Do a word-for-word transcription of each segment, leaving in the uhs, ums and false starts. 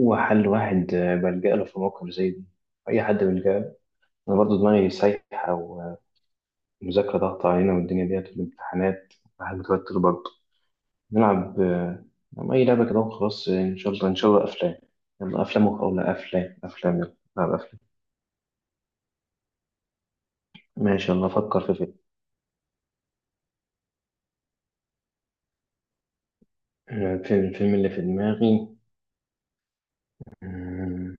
هو حل واحد آه، بلجأ له في موقف زي دي. أي حد بيلجأ له. أنا برضه دماغي سايحة، ومذاكرة ضغط علينا والدنيا ديت والامتحانات. الواحد متوتر برضه. نلعب آه، نلعب أي لعبة كده وخلاص. آه، إن شاء الله إن شاء الله أفلام. يلا أفلام، ولا أفلام أفلام، يلا نلعب أفلام. ماشي، يلا أفكر في فيلم. آه، الفيلم الفيلم اللي في دماغي. آه،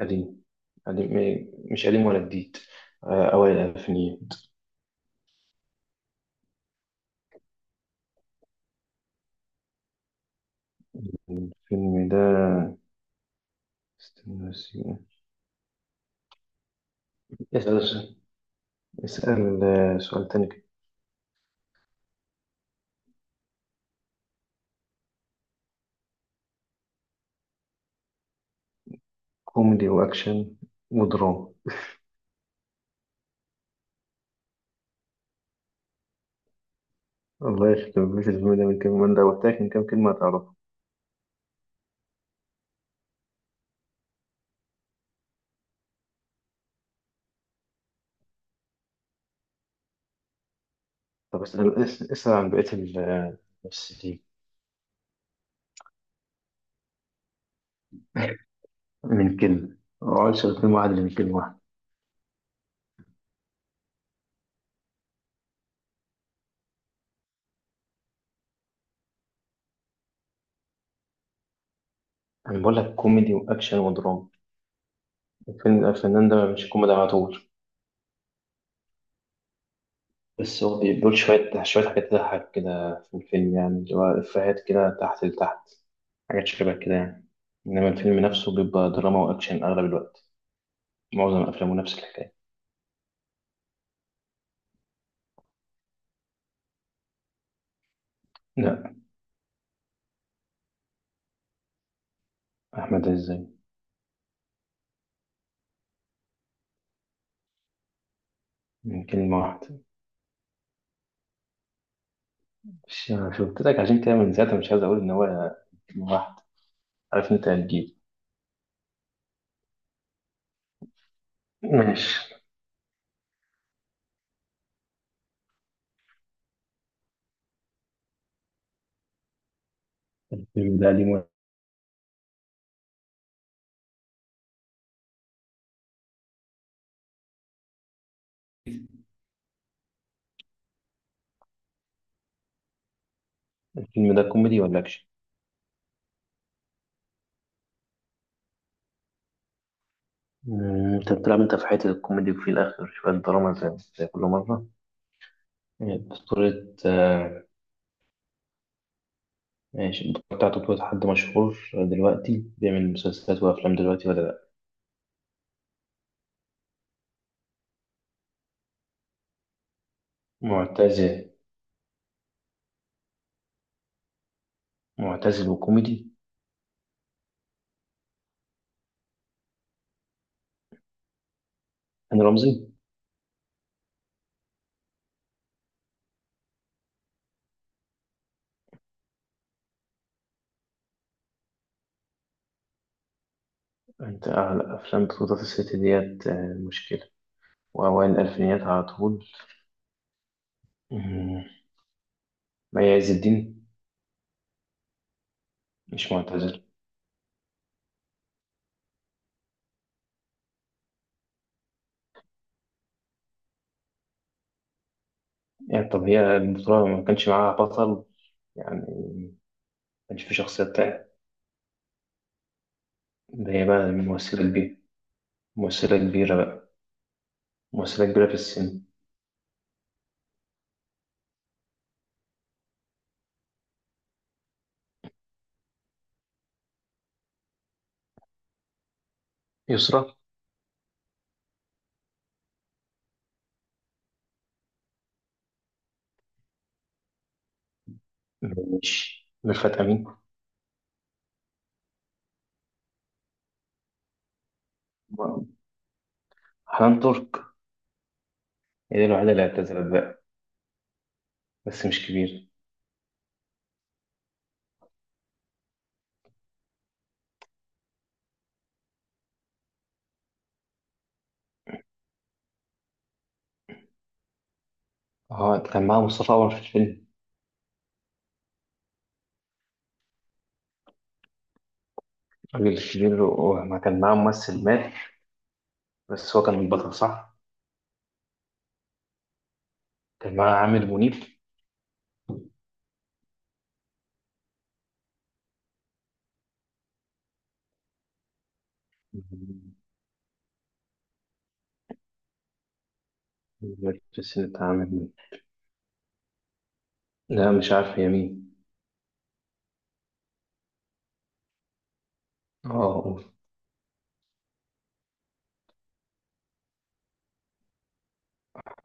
قديم. قديم إيه، مش قديم ولا جديد. آه، أوائل الألفينيات. الفيلم ده، استنى. بس- اسأل آه، سؤال تاني كده. كوميدي وأكشن ودراما. الله يخرب بيت الفيلم ده، من كام من ده وتاك من كام كلمة هتعرفها. طب اسأل، اس- اسأل عن بقية ال- آه، الممثلين. من كلمة، ما اقعدش غير كلمة واحدة، من كلمة واحدة. أنا بقول لك كوميدي وأكشن ودراما. الفيلم الفنان ده مش كوميدي على طول. بس هو بيقول شوية شوية حاجات تضحك كده في الفيلم، يعني اللي هو إفيهات كده تحت لتحت، حاجات شبه كده يعني. إنما الفيلم نفسه بيبقى دراما وأكشن أغلب الوقت. معظم أفلامه نفس الحكاية. لا. أحمد عز. من كلمة واحدة. مش مش قلت لك عشان كده من ساعتها مش عايز أقول إن هو كلمة واحدة. عارف إن أنت هتجيب. ماشي. الفيلم ده قديم ولا؟ الفيلم ده كوميدي ولا أكشن؟ مم، انت بتلعب انت في حته الكوميدي وفي الاخر شويه دراما، زي زي كل مره. آه، بطولة، آه، ماشي. البطولة بتاعته بطولة حد مشهور دلوقتي بيعمل مسلسلات وأفلام دلوقتي ولا لأ؟ معتزل. معتزل وكوميدي. هاني رمزي. أنت أعلى أفلام بطولة الست ديت آه، مشكلة، وأوائل الألفينيات على طول. مم. ما عز الدين. مش معتزل. يعني طب هي البطولة ما كانش معاها بطل، يعني ما كانش في شخصية تانية. ده هي بقى ممثلة كبيرة. ممثلة كبيرة بقى. ممثلة كبيرة في السن. يسرا. مش ميرفت أمين. حنان ترك. هي دي الوحيدة اللي اعتزلت بقى. بس مش كبيرة. اه، كان معاها مصطفى عمر في الفيلم. الراجل الكبير، وما كان معاه ممثل مات. بس هو كان البطل، صح؟ كان معاه عامر منيب. مات في السن بتاع عامر منيب. لا، مش عارف هي مين. اه.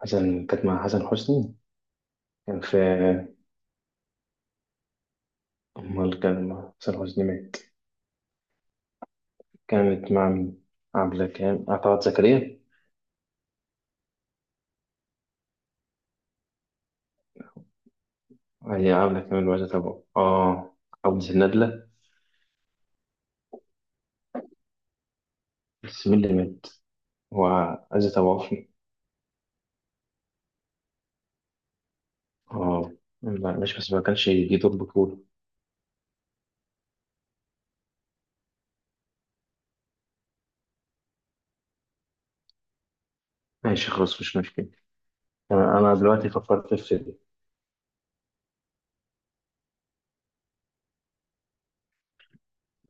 حسن كانت مع حسن حسني. كان في امال كان مع حسن حسني، مات. كانت مع مين؟ عبلة كان آه، طلعت زكريا. هي عبلة كامل وعزت أبو اه عبد الندلة. بس مين اللي مات وعزت أبو عوف؟ اه. لا، مش بس ما كانش يجي دور بطولة. ماشي خلاص، مش مشكلة. تمام، أنا دلوقتي فكرت في فيلم.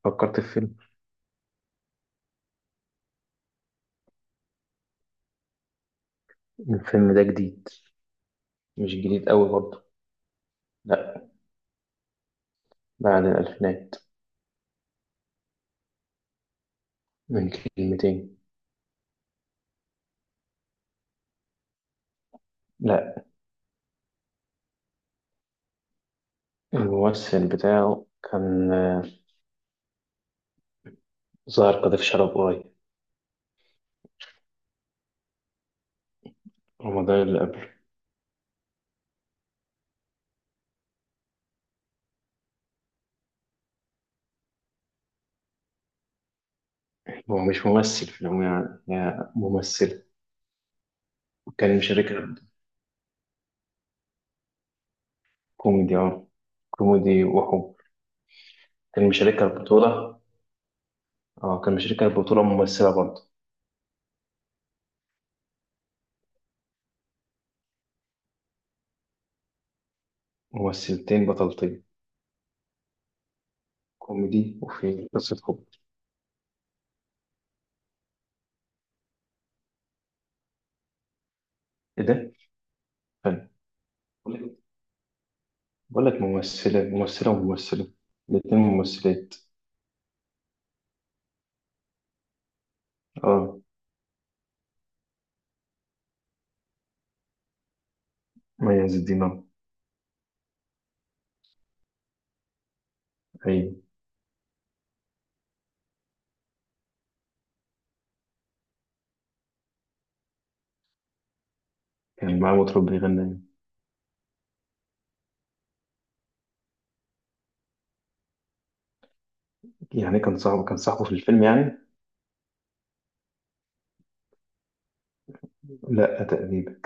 فكرت في فيلم. الفيلم ده جديد. مش جديد أوي برضه. لا. بعد الألفينات. من كلمتين. لا. الممثل بتاعه كان آه، ظاهر قذف شرب قريب. رمضان اللي قبله. هو مش ممثل في العموم، يعني هي ممثلة. كان مشاركها. كوميدي، اه. كوميدي وحب. كان مشاركها البطولة. اه، كان مشاركها البطولة ممثلة برضه. ممثلتين بطلتين. كوميدي وفي قصة حب. ايه ده؟ فن بقول لك. بقول لك ممثلة ممثلة وممثلة. الاتنين ممثلات. اه. مي عز الدين أهو. ايوه. كان معاه مطرب بيغني. يعني كان صاحبه كان صاحبه في الفيلم يعني. لا، تقريبا.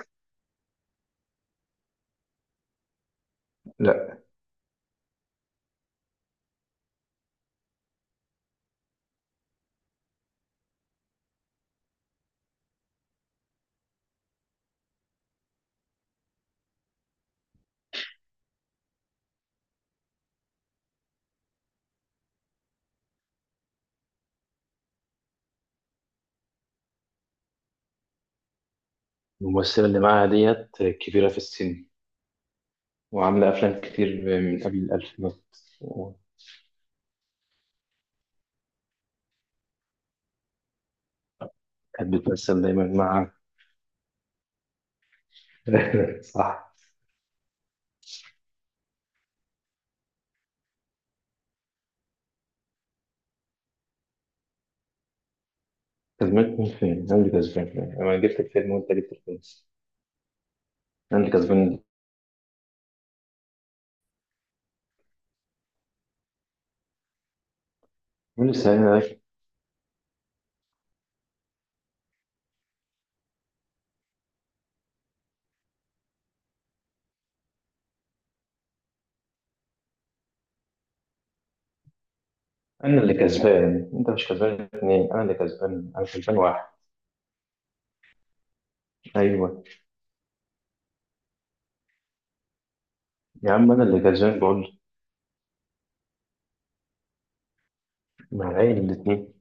لا. الممثلة اللي معاها ديت كبيرة في السن، وعاملة أفلام كتير من قبل الألفينات، وكانت بتمثل دايما مع صح. كسبان مين فين؟ أنا اللي كسبان. أنا جبت الفيلم وأنت جبت الفيلم. أنا اللي كسبان. مين اللي ساعدني ده؟ أنا اللي كسبان. أنت مش كسبان اتنين، أنا اللي كسبان، أنا كسبان واحد. أيوه. يا عم، أنا اللي كسبان بقول. مع العيل الاتنين.